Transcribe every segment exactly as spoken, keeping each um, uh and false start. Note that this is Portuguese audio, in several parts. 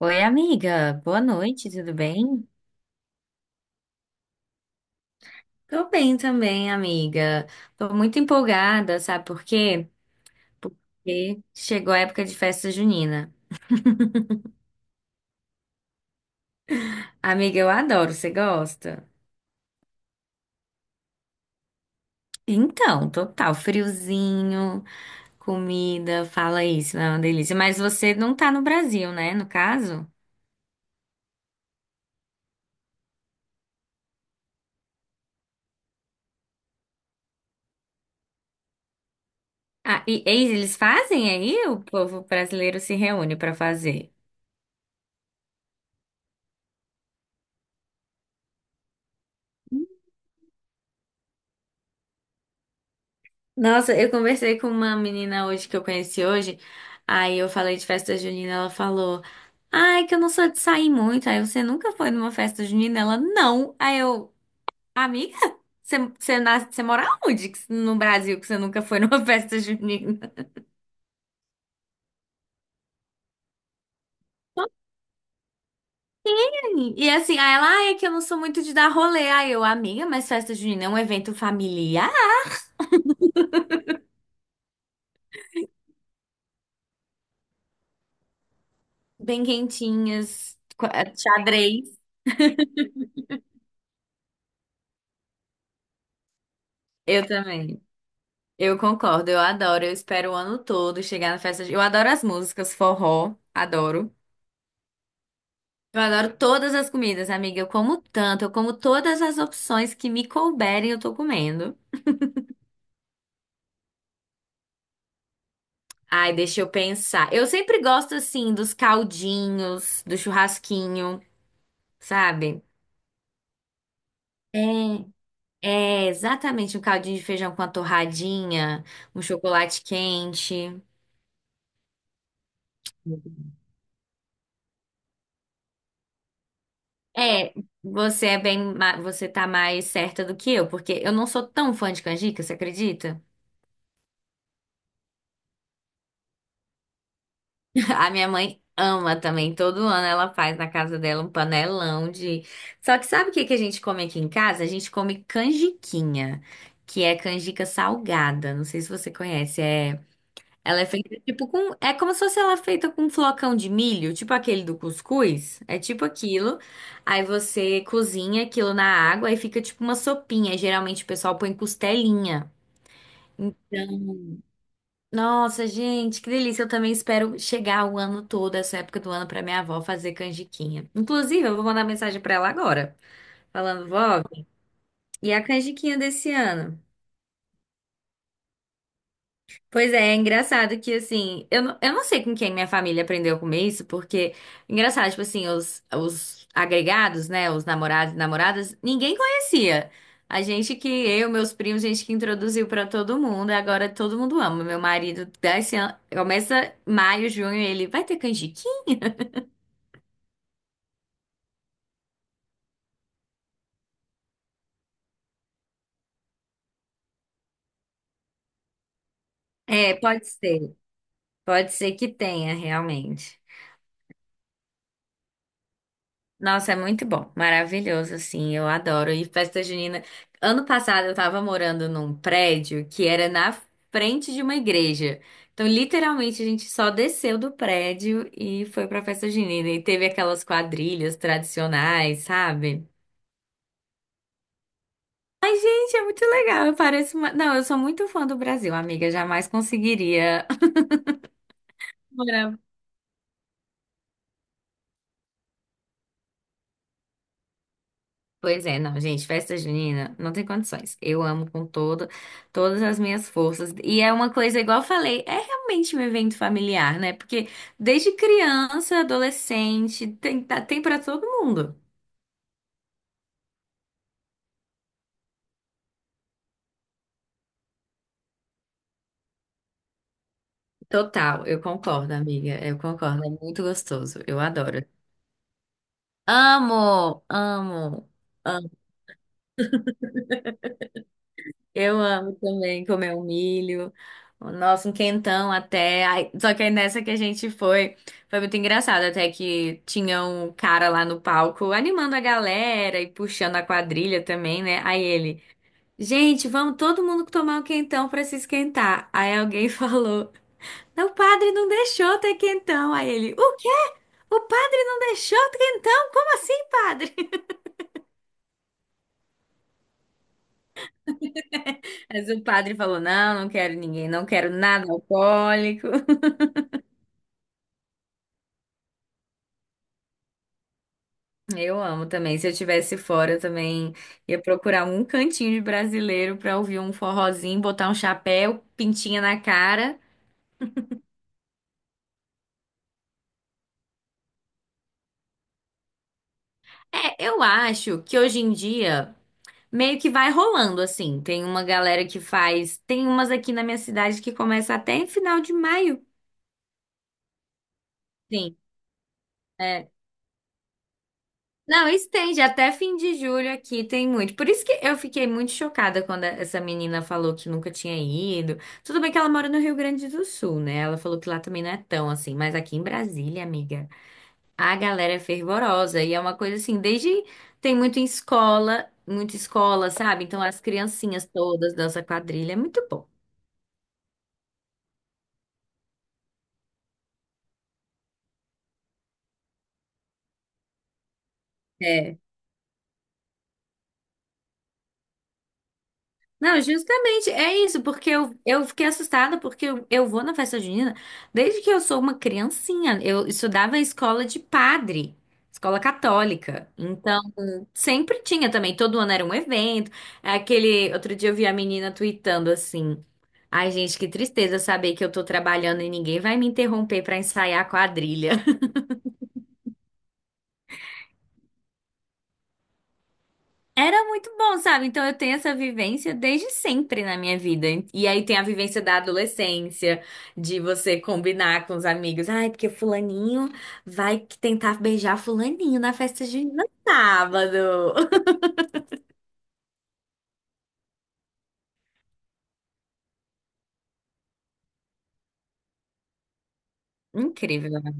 Oi, amiga. Boa noite, tudo bem? Tô bem também, amiga. Tô muito empolgada, sabe por quê? Porque chegou a época de festa junina. Amiga, eu adoro, você gosta? Então, total, friozinho, comida, fala isso, é uma delícia. Mas você não tá no Brasil, né, no caso? Ah, e eis, eles fazem aí? O povo brasileiro se reúne pra fazer. Nossa, eu conversei com uma menina hoje que eu conheci hoje. Aí eu falei de festa junina, ela falou: "Ai, que eu não sou de sair muito". Aí você nunca foi numa festa junina? Ela: "Não". Aí eu: "Amiga, você você nas- você mora onde que- no Brasil que você nunca foi numa festa junina?". E assim, aí ela: "Ai, é que eu não sou muito de dar rolê". Aí eu: "Amiga, mas festa junina é um evento familiar, bem quentinhas, qua- xadrez". Eu também. Eu concordo, eu adoro. Eu espero o ano todo chegar na festa. de- Eu adoro as músicas, forró, adoro. Eu adoro todas as comidas, amiga. Eu como tanto, eu como todas as opções que me couberem, eu tô comendo. Ai, deixa eu pensar. Eu sempre gosto assim dos caldinhos, do churrasquinho, sabe? É, é exatamente um caldinho de feijão com a torradinha, um chocolate quente. É, você é bem, ma- você tá mais certa do que eu, porque eu não sou tão fã de canjica, você acredita? A minha mãe ama também, todo ano ela faz na casa dela um panelão de. Só que sabe o que que a gente come aqui em casa? A gente come canjiquinha, que é canjica salgada. Não sei se você conhece, é. Ela é feita tipo com. É como se fosse ela feita com um flocão de milho, tipo aquele do cuscuz. É tipo aquilo. Aí você cozinha aquilo na água, aí fica tipo uma sopinha. Aí, geralmente o pessoal põe costelinha. Então, nossa, gente, que delícia. Eu também espero chegar o ano todo, essa época do ano, pra minha avó fazer canjiquinha. Inclusive, eu vou mandar mensagem pra ela agora, falando, vó, e a canjiquinha desse ano? Pois é, é engraçado que assim, eu não, eu não sei com quem minha família aprendeu a comer isso, porque engraçado, tipo assim, os, os agregados, né, os namorados e namoradas, ninguém conhecia. A gente que, eu, meus primos, gente que introduziu pra todo mundo, e agora todo mundo ama. Meu marido dá esse ano, começa maio, junho, ele vai ter canjiquinha? É, pode ser. Pode ser que tenha, realmente. Nossa, é muito bom, maravilhoso, assim, eu adoro. E festa junina. Ano passado eu tava morando num prédio que era na frente de uma igreja. Então, literalmente, a gente só desceu do prédio e foi pra festa junina. E teve aquelas quadrilhas tradicionais, sabe? Gente, é muito legal. Eu pareço uma... Não, eu sou muito fã do Brasil, amiga. Jamais conseguiria. morar. Pois é, não, gente, festa junina não tem condições. Eu amo com toda, todas as minhas forças. E é uma coisa, igual eu falei, é realmente um evento familiar, né? Porque desde criança, adolescente, tem, tá- tem para todo mundo. Total, eu concordo, amiga. Eu concordo, é muito gostoso. Eu adoro. Amo, amo. Eu amo também comer um milho, nossa, um quentão até. Ai, só que aí nessa que a gente foi, foi muito engraçado, até que tinha um cara lá no palco animando a galera e puxando a quadrilha também, né? Aí ele, gente, vamos todo mundo tomar um quentão pra se esquentar. Aí alguém falou, não, o padre não deixou ter quentão. Aí ele, o quê? O padre não deixou ter quentão? Como assim, padre? Mas o padre falou, não, não quero ninguém, não quero nada alcoólico. Eu amo também. Se eu tivesse fora, eu também ia procurar um cantinho de brasileiro pra ouvir um forrozinho, botar um chapéu, pintinha na cara. É, eu acho que hoje em dia meio que vai rolando assim. Tem uma galera que faz, tem umas aqui na minha cidade que começa até em final de maio. Sim, é. Não, estende até fim de julho aqui, tem muito. Por isso que eu fiquei muito chocada quando essa menina falou que nunca tinha ido. Tudo bem que ela mora no Rio Grande do Sul, né? Ela falou que lá também não é tão assim, mas aqui em Brasília, amiga, a galera é fervorosa e é uma coisa assim, desde tem muito em escola, muita escola, sabe? Então as criancinhas todas dançam quadrilha, é muito bom. É. Não, justamente é isso, porque eu, eu fiquei assustada porque eu, eu vou na festa junina desde que eu sou uma criancinha. Eu estudava em escola de padre, escola católica. Então, sempre tinha também, todo ano era um evento. é. Aquele outro dia eu vi a menina tweetando assim: "Ai, gente, que tristeza saber que eu tô trabalhando e ninguém vai me interromper pra ensaiar a quadrilha". Era muito bom, sabe? Então eu tenho essa vivência desde sempre na minha vida. E aí tem a vivência da adolescência, de você combinar com os amigos. Ai, porque fulaninho vai que tentar beijar fulaninho na festa junina sábado. Incrível, né?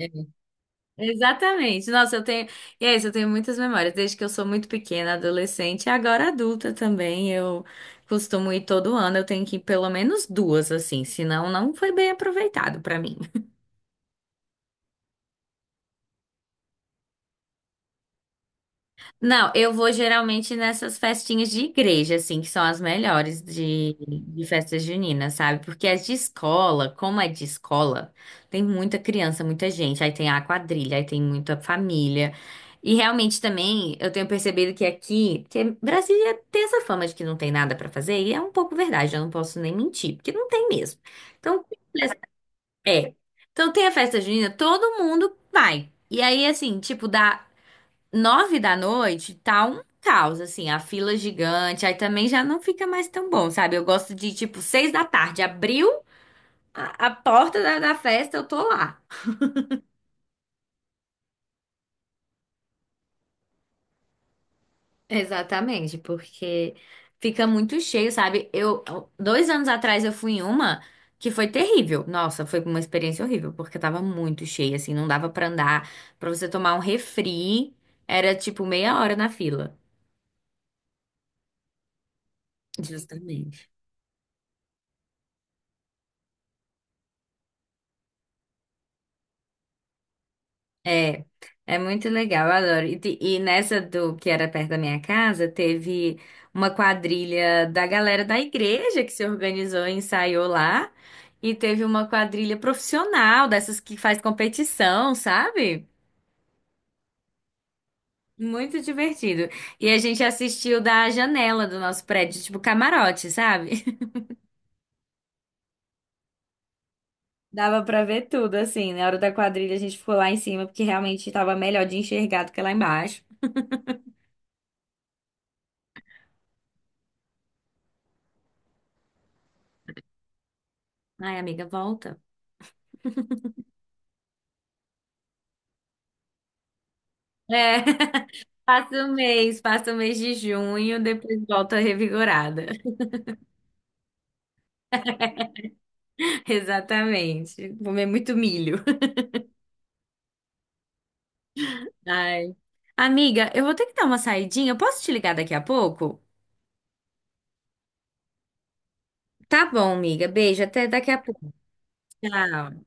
É. Exatamente. Nossa, eu tenho. E é isso, eu tenho muitas memórias, desde que eu sou muito pequena, adolescente, e agora adulta também. Eu costumo ir todo ano, eu tenho que ir pelo menos duas, assim, senão não foi bem aproveitado pra mim. Não, eu vou geralmente nessas festinhas de igreja, assim, que são as melhores de, de festa junina, sabe? Porque as de escola, como é de escola, tem muita criança, muita gente, aí tem a quadrilha, aí tem muita família. E realmente também eu tenho percebido que aqui, que Brasília tem essa fama de que não tem nada pra fazer, e é um pouco verdade, eu não posso nem mentir, porque não tem mesmo. Então, é. Então tem a festa junina, todo mundo vai. E aí, assim, tipo, dá. Nove da noite tá um caos, assim, a fila gigante, aí também já não fica mais tão bom, sabe? Eu gosto de, tipo, seis da tarde, abriu a, a porta da, da festa, eu tô lá. Exatamente, porque fica muito cheio, sabe? Eu, dois anos atrás eu fui em uma que foi terrível. Nossa, foi uma experiência horrível, porque tava muito cheio, assim, não dava pra andar. Pra você tomar um refri, era tipo meia hora na fila. Justamente. É, é muito legal, eu adoro. E, te- e nessa do que era perto da minha casa, teve uma quadrilha da galera da igreja que se organizou e ensaiou lá. E teve uma quadrilha profissional, dessas que faz competição, sabe? Muito divertido. E a gente assistiu da janela do nosso prédio, tipo camarote, sabe? Dava pra ver tudo, assim. Na hora da quadrilha a gente ficou lá em cima, porque realmente tava melhor de enxergar do que lá embaixo. Ai, amiga, volta. É. Passa o mês, passa o mês de junho, depois volta revigorada. Exatamente. Comer muito milho. Ai. Amiga, eu vou ter que dar uma saidinha. Posso te ligar daqui a pouco? Tá bom, amiga. Beijo, até daqui a pouco. Tchau.